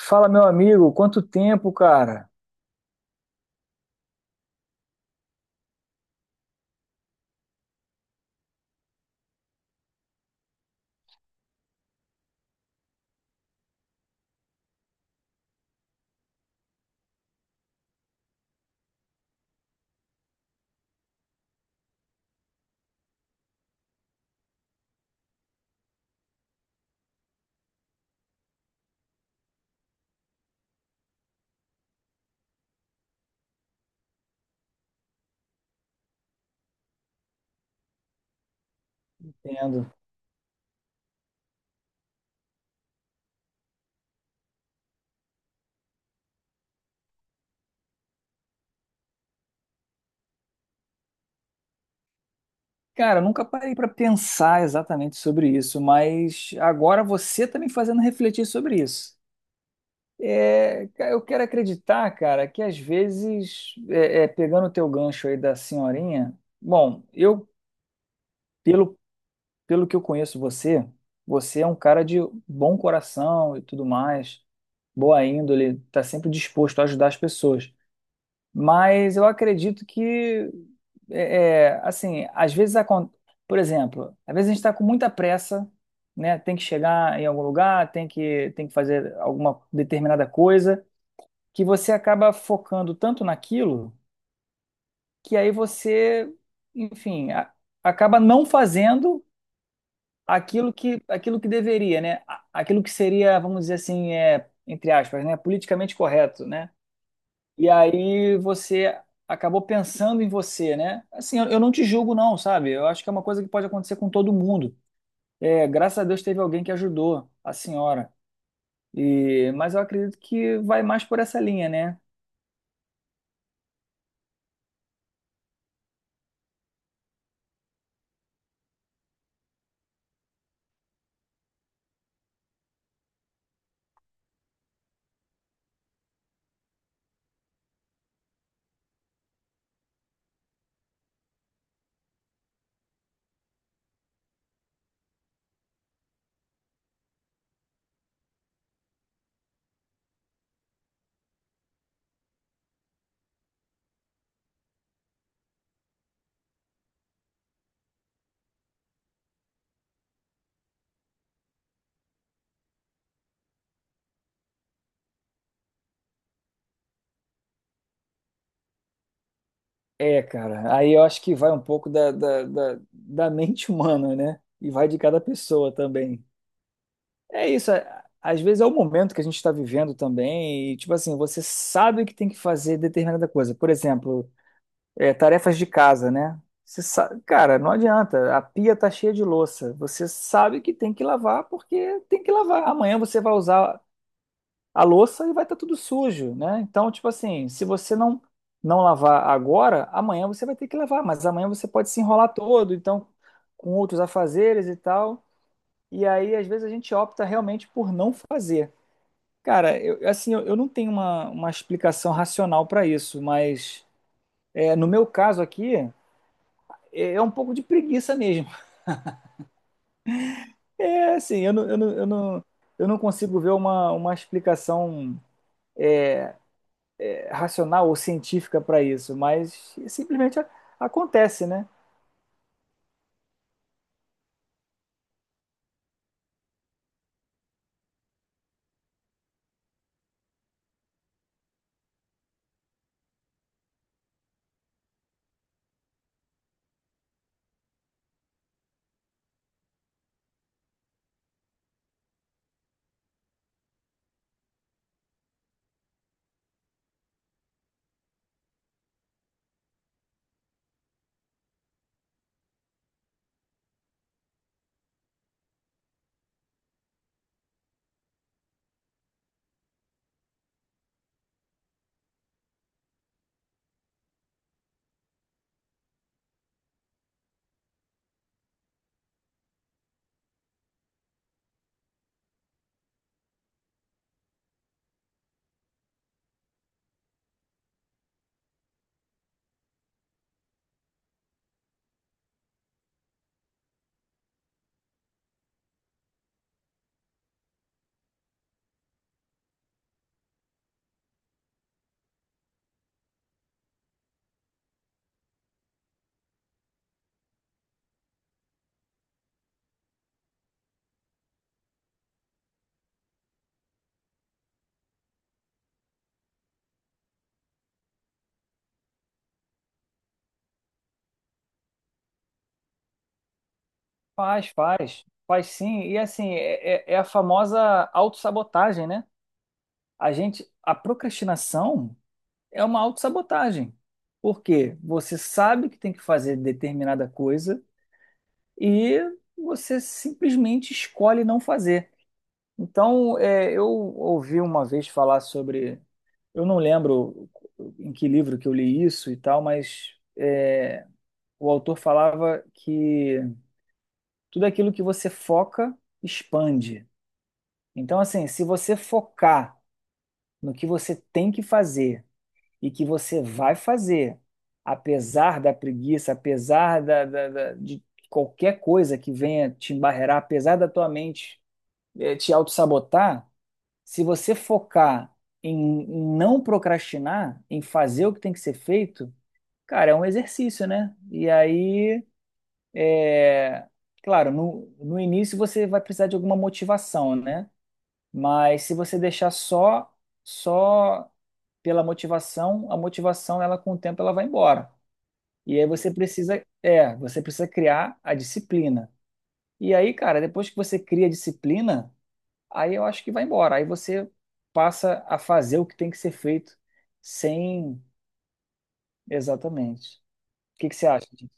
Fala, meu amigo, quanto tempo, cara? Entendo. Cara, eu nunca parei para pensar exatamente sobre isso, mas agora você tá me fazendo refletir sobre isso. Eu quero acreditar, cara, que às vezes, pegando o teu gancho aí da senhorinha, bom, eu, pelo, pelo que eu conheço você, você é um cara de bom coração e tudo mais, boa índole, tá sempre disposto a ajudar as pessoas. Mas eu acredito que, assim, às vezes, por exemplo, às vezes a gente está com muita pressa, né? Tem que chegar em algum lugar, tem que fazer alguma determinada coisa, que você acaba focando tanto naquilo que aí você, enfim, acaba não fazendo aquilo aquilo que deveria, né? Aquilo que seria, vamos dizer assim, é, entre aspas, né? Politicamente correto, né? E aí você acabou pensando em você, né? Assim, eu não te julgo, não, sabe? Eu acho que é uma coisa que pode acontecer com todo mundo. É, graças a Deus teve alguém que ajudou a senhora. E, mas eu acredito que vai mais por essa linha, né? É, cara. Aí eu acho que vai um pouco da mente humana, né? E vai de cada pessoa também. É isso. Às vezes é o momento que a gente está vivendo também. E, tipo assim, você sabe que tem que fazer determinada coisa. Por exemplo, é, tarefas de casa, né? Você sabe, cara, não adianta. A pia tá cheia de louça. Você sabe que tem que lavar porque tem que lavar. Amanhã você vai usar a louça e vai estar tudo sujo, né? Então, tipo assim, se você não lavar agora, amanhã você vai ter que lavar, mas amanhã você pode se enrolar todo, então com outros afazeres e tal. E aí, às vezes a gente opta realmente por não fazer. Cara, eu, assim, eu não tenho uma explicação racional para isso, mas é, no meu caso aqui é um pouco de preguiça mesmo. É assim, eu não consigo ver uma explicação é, racional ou científica para isso, mas simplesmente acontece, né? Faz sim. E assim, é a famosa autossabotagem, né? A gente, a procrastinação é uma autossabotagem. Por quê? Você sabe que tem que fazer determinada coisa e você simplesmente escolhe não fazer. Então, é, eu ouvi uma vez falar sobre. Eu não lembro em que livro que eu li isso e tal, mas é, o autor falava que tudo aquilo que você foca expande. Então, assim, se você focar no que você tem que fazer e que você vai fazer, apesar da preguiça, apesar de qualquer coisa que venha te embarrear, apesar da tua mente, te autossabotar. Se você focar em não procrastinar, em fazer o que tem que ser feito, cara, é um exercício, né? E aí, é, claro, no início você vai precisar de alguma motivação, né? Mas se você deixar só pela motivação, a motivação ela com o tempo ela vai embora. E aí você precisa, é, você precisa criar a disciplina. E aí, cara, depois que você cria a disciplina, aí eu acho que vai embora. Aí você passa a fazer o que tem que ser feito sem. Exatamente. O que que você acha disso?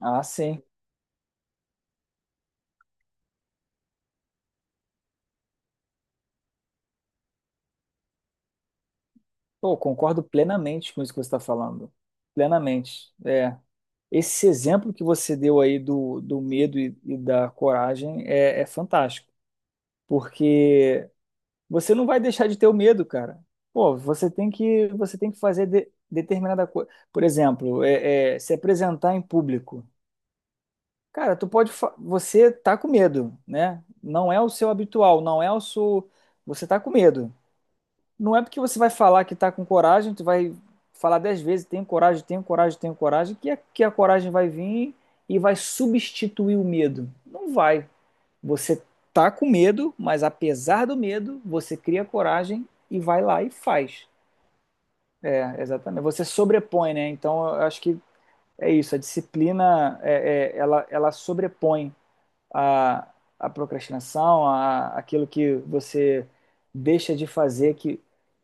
Ah, sim. Pô, concordo plenamente com isso que você está falando. Plenamente. É. Esse exemplo que você deu aí do medo e da coragem é fantástico. Porque você não vai deixar de ter o medo, cara. Pô, você tem que fazer determinada coisa. Por exemplo, se apresentar em público. Cara, tu pode. Você tá com medo, né? Não é o seu habitual, não é o seu. Você tá com medo. Não é porque você vai falar que tá com coragem, tu vai falar 10 vezes, tenho coragem, tenho coragem, tenho coragem, que a coragem vai vir e vai substituir o medo. Não vai. Você tá com medo, mas apesar do medo, você cria coragem e vai lá e faz. É, exatamente. Você sobrepõe, né? Então, eu acho que é isso. A disciplina, ela, ela sobrepõe a, a procrastinação, a, aquilo que você deixa de fazer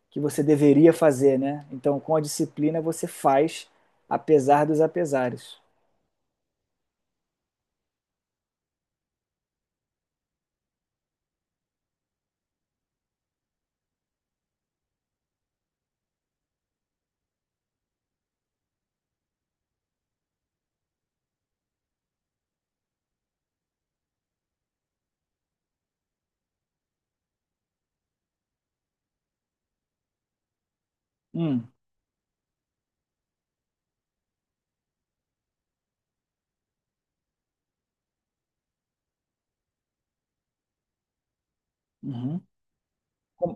que você deveria fazer, né? Então, com a disciplina, você faz apesar dos apesares. Hum, uhum. Com-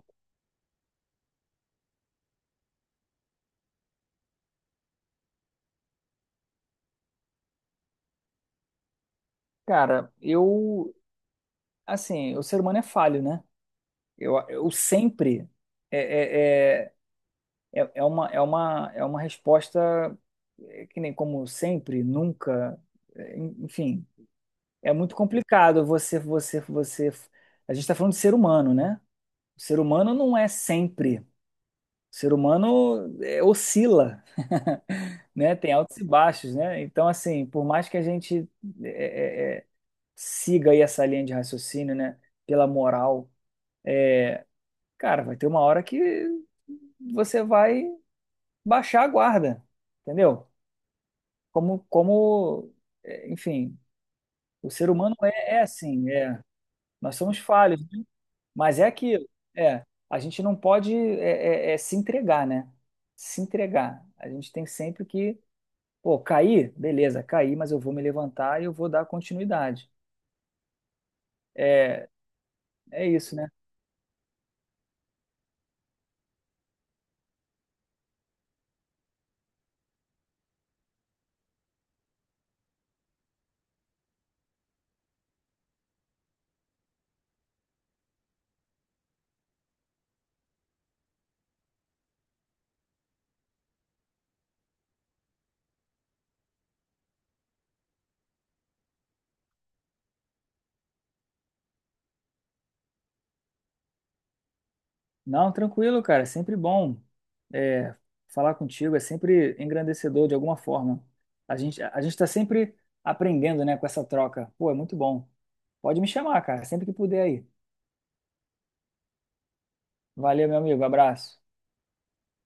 Cara, eu, assim, o ser humano é falho, né? Eu sempre é, é, é é uma, é uma, é uma resposta é, que nem como sempre, nunca, é, enfim. É muito complicado você. A gente está falando de ser humano, né? O ser humano não é sempre. O ser humano é, oscila, né? Tem altos e baixos, né? Então, assim, por mais que a gente é, é, siga aí essa linha de raciocínio, né? Pela moral, cara, vai ter uma hora que você vai baixar a guarda, entendeu? Como, é, enfim, o ser humano é, é assim, é. Nós somos falhos. Mas é aquilo, é, a gente não pode é, se entregar, né? Se entregar. A gente tem sempre que, pô, cair, beleza, cair, mas eu vou me levantar e eu vou dar continuidade. É É isso, né? Não, tranquilo, cara, é sempre bom é, falar contigo, é sempre engrandecedor de alguma forma. A gente tá sempre aprendendo, né, com essa troca. Pô, é muito bom. Pode me chamar, cara, sempre que puder aí. Valeu, meu amigo, abraço.